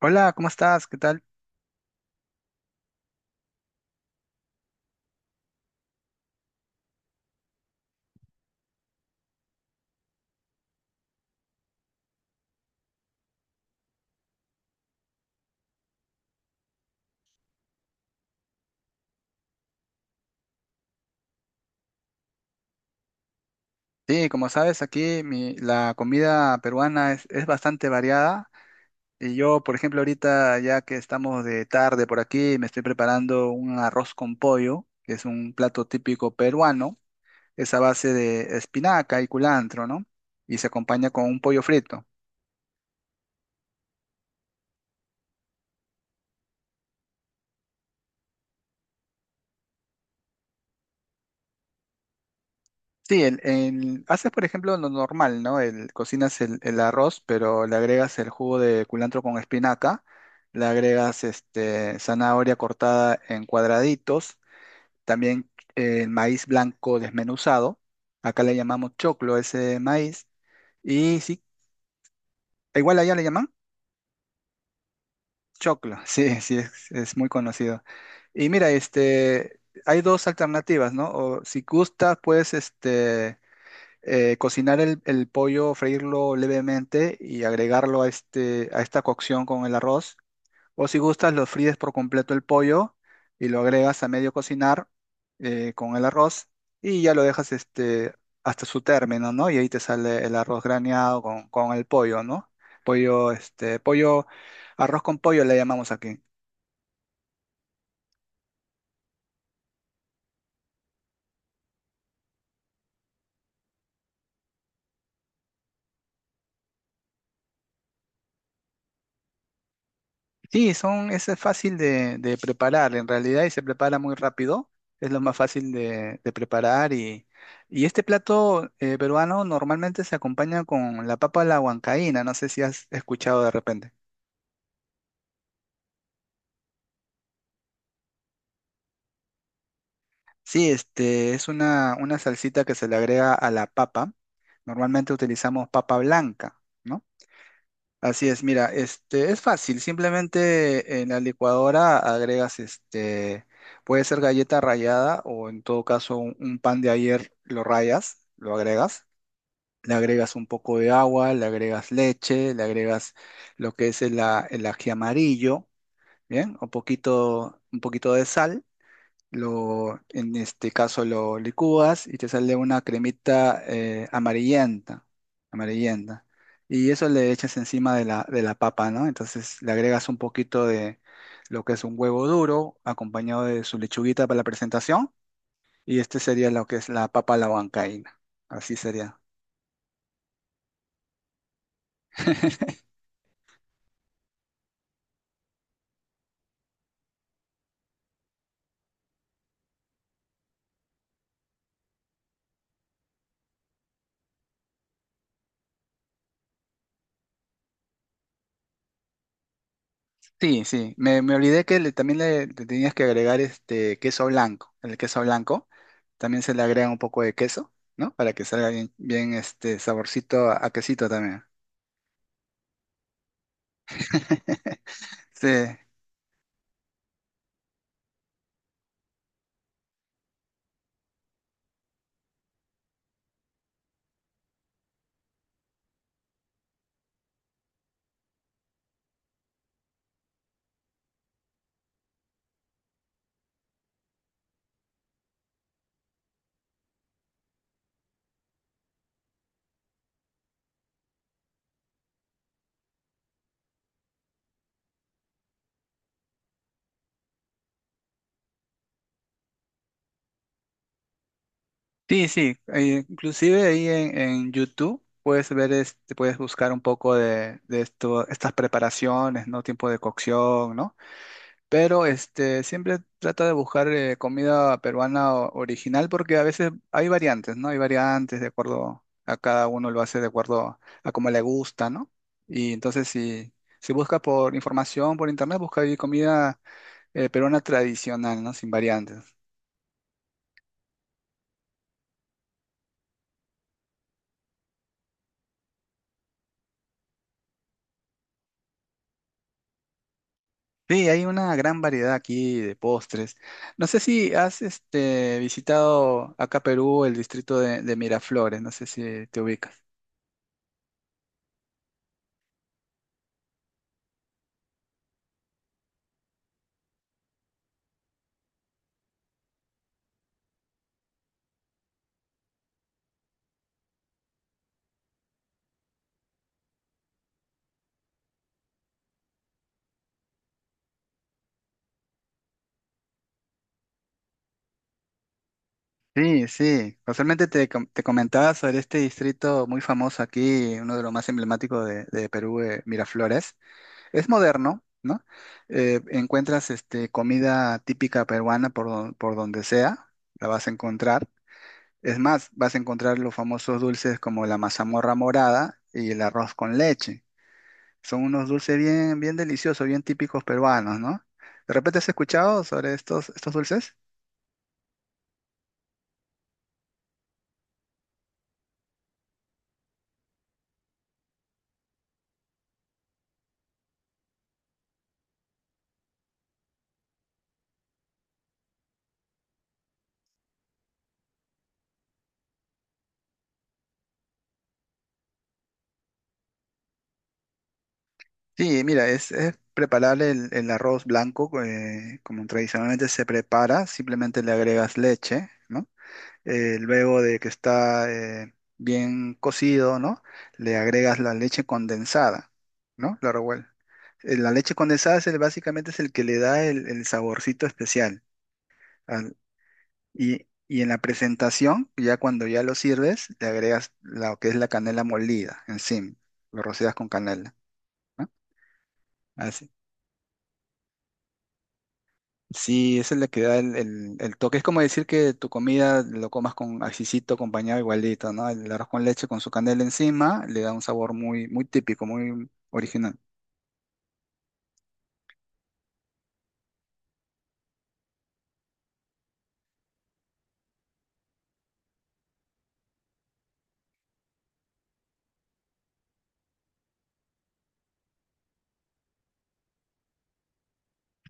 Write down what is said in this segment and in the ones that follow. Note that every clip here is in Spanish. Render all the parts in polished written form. Hola, ¿cómo estás? ¿Qué tal? Sí, como sabes, la comida peruana es bastante variada. Y yo, por ejemplo, ahorita ya que estamos de tarde por aquí, me estoy preparando un arroz con pollo, que es un plato típico peruano. Es a base de espinaca y culantro, ¿no? Y se acompaña con un pollo frito. Sí, haces por ejemplo lo normal, ¿no? Cocinas el arroz, pero le agregas el jugo de culantro con espinaca, le agregas zanahoria cortada en cuadraditos, también el maíz blanco desmenuzado, acá le llamamos choclo ese maíz, y sí, igual allá le llaman choclo, sí, sí, es muy conocido. Y mira, hay dos alternativas, ¿no? O si gustas, puedes este cocinar el pollo, freírlo levemente y agregarlo a, a esta cocción con el arroz. O si gustas, lo fríes por completo el pollo y lo agregas a medio cocinar con el arroz y ya lo dejas hasta su término, ¿no? Y ahí te sale el arroz graneado con el pollo, ¿no? Pollo, este, pollo, arroz con pollo le llamamos aquí. Sí, son, ese es fácil de preparar en realidad y se prepara muy rápido. Es lo más fácil de preparar y este plato peruano normalmente se acompaña con la papa a la huancaína, no sé si has escuchado de repente. Sí, este es una salsita que se le agrega a la papa. Normalmente utilizamos papa blanca, ¿no? Así es, mira, este es fácil, simplemente en la licuadora agregas puede ser galleta rallada o en todo caso un pan de ayer lo rayas, lo agregas, le agregas un poco de agua, le agregas leche, le agregas lo que es el ají amarillo, ¿bien? Un poquito de sal lo, en este caso lo licúas y te sale una cremita amarillenta, amarillenta. Y eso le echas encima de la papa, ¿no? Entonces le agregas un poquito de lo que es un huevo duro, acompañado de su lechuguita para la presentación. Y este sería lo que es la papa a la huancaína. Así sería. Sí, sí, me, me olvidé que también le tenías que agregar este queso blanco. El queso blanco también se le agrega un poco de queso, ¿no? Para que salga bien, bien este saborcito a quesito también. Sí, sí, sí. Inclusive ahí en YouTube puedes ver, puedes buscar un poco de esto, estas preparaciones, ¿no? Tiempo de cocción, ¿no? Pero siempre trata de buscar comida peruana original porque a veces hay variantes, ¿no? Hay variantes de acuerdo a cada uno lo hace de acuerdo a cómo le gusta, ¿no? Y entonces si, si busca por información por internet, busca ahí comida peruana tradicional, ¿no? Sin variantes. Sí, hay una gran variedad aquí de postres. No sé si has visitado acá Perú el distrito de Miraflores, no sé si te ubicas. Sí, sí. Casualmente te comentaba sobre este distrito muy famoso aquí, uno de los más emblemáticos de Perú, Miraflores. Es moderno, ¿no? Encuentras comida típica peruana por donde sea, la vas a encontrar. Es más, vas a encontrar los famosos dulces como la mazamorra morada y el arroz con leche. Son unos dulces bien, bien deliciosos, bien típicos peruanos, ¿no? ¿De repente has escuchado sobre estos, estos dulces? Sí, mira, es preparable el arroz blanco como tradicionalmente se prepara, simplemente le agregas leche, ¿no? Luego de que está bien cocido, ¿no? Le agregas la leche condensada, ¿no? La leche condensada básicamente es el que le da el saborcito especial. al- y, y en la presentación, ya cuando ya lo sirves, le agregas lo que es la canela molida encima, lo rocias con canela. ¿No? Así- Sí, esa es la que da el toque. Es como decir que tu comida lo comas con ajicito, acompañado igualito, ¿no? El arroz con leche con su canela encima le da un sabor muy, muy típico, muy original.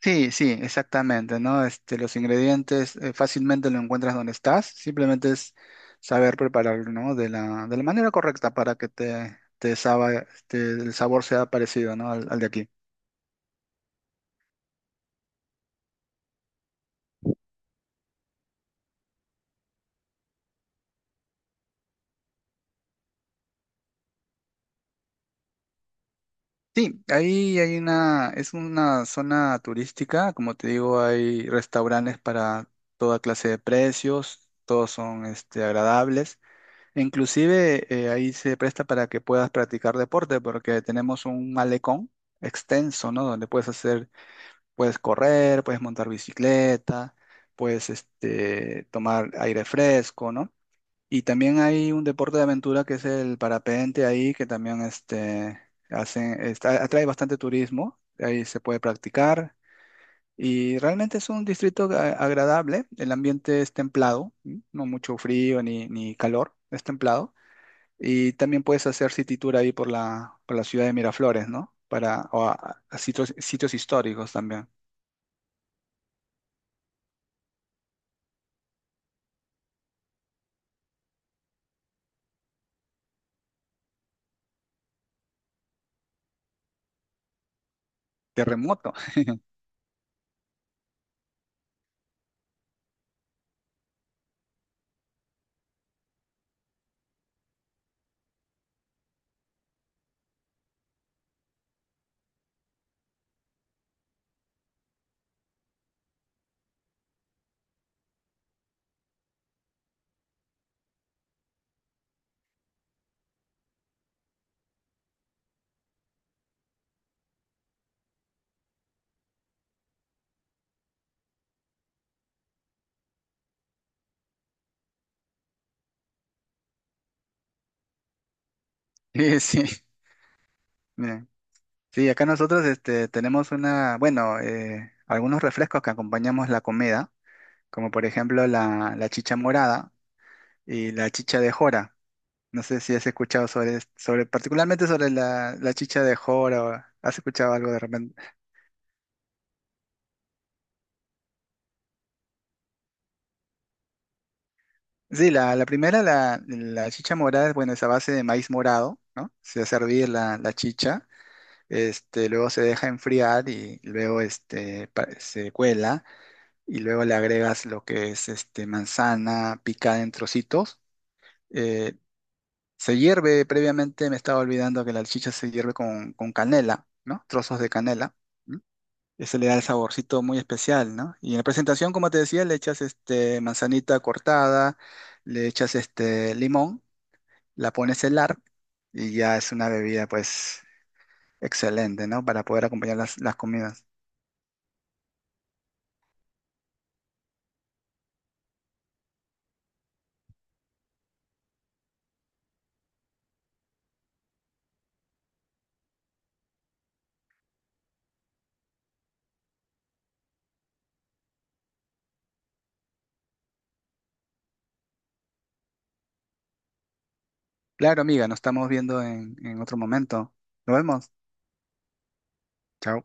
Sí, sí, exactamente, ¿no? Este, los ingredientes fácilmente lo encuentras donde estás. Simplemente es saber prepararlo, ¿no? De la manera correcta para que el sabor sea parecido, ¿no? Al, al de aquí. Sí, ahí hay una, es una zona turística, como te digo, hay restaurantes para toda clase de precios, todos son agradables, e inclusive ahí se presta para que puedas practicar deporte, porque tenemos un malecón extenso, ¿no? Donde puedes hacer, puedes correr, puedes montar bicicleta, puedes tomar aire fresco, ¿no? Y también hay un deporte de aventura que es el parapente ahí, que también atrae bastante turismo, ahí se puede practicar. Y realmente es un distrito agradable, el ambiente es templado, ¿m? No mucho frío ni, ni calor, es templado. Y también puedes hacer city tour ahí por la ciudad de Miraflores, ¿no? Para, o a sitios, sitios históricos también. Terremoto. Sí, sí. Sí, acá nosotros tenemos una, bueno, algunos refrescos que acompañamos la comida, como por ejemplo la, la chicha morada y la chicha de jora. No sé si has escuchado sobre particularmente sobre la, la chicha de jora, o has escuchado algo de repente. Sí, la primera, la chicha morada, es, bueno, es a base de maíz morado, ¿no? Se hace hervir la, la chicha, luego se deja enfriar y luego se cuela. Y luego le agregas lo que es este manzana picada en trocitos. Eh, Se hierve previamente, me estaba olvidando que la salchicha se hierve con canela, ¿no? Trozos de canela. ¿M? Ese le da el saborcito muy especial, ¿no? Y en la presentación, como te decía, le echas este manzanita cortada, le echas este limón, la pones a helar y ya es una bebida pues excelente, ¿no? Para poder acompañar las comidas. Claro, amiga, nos estamos viendo en otro momento. Nos vemos. Chao.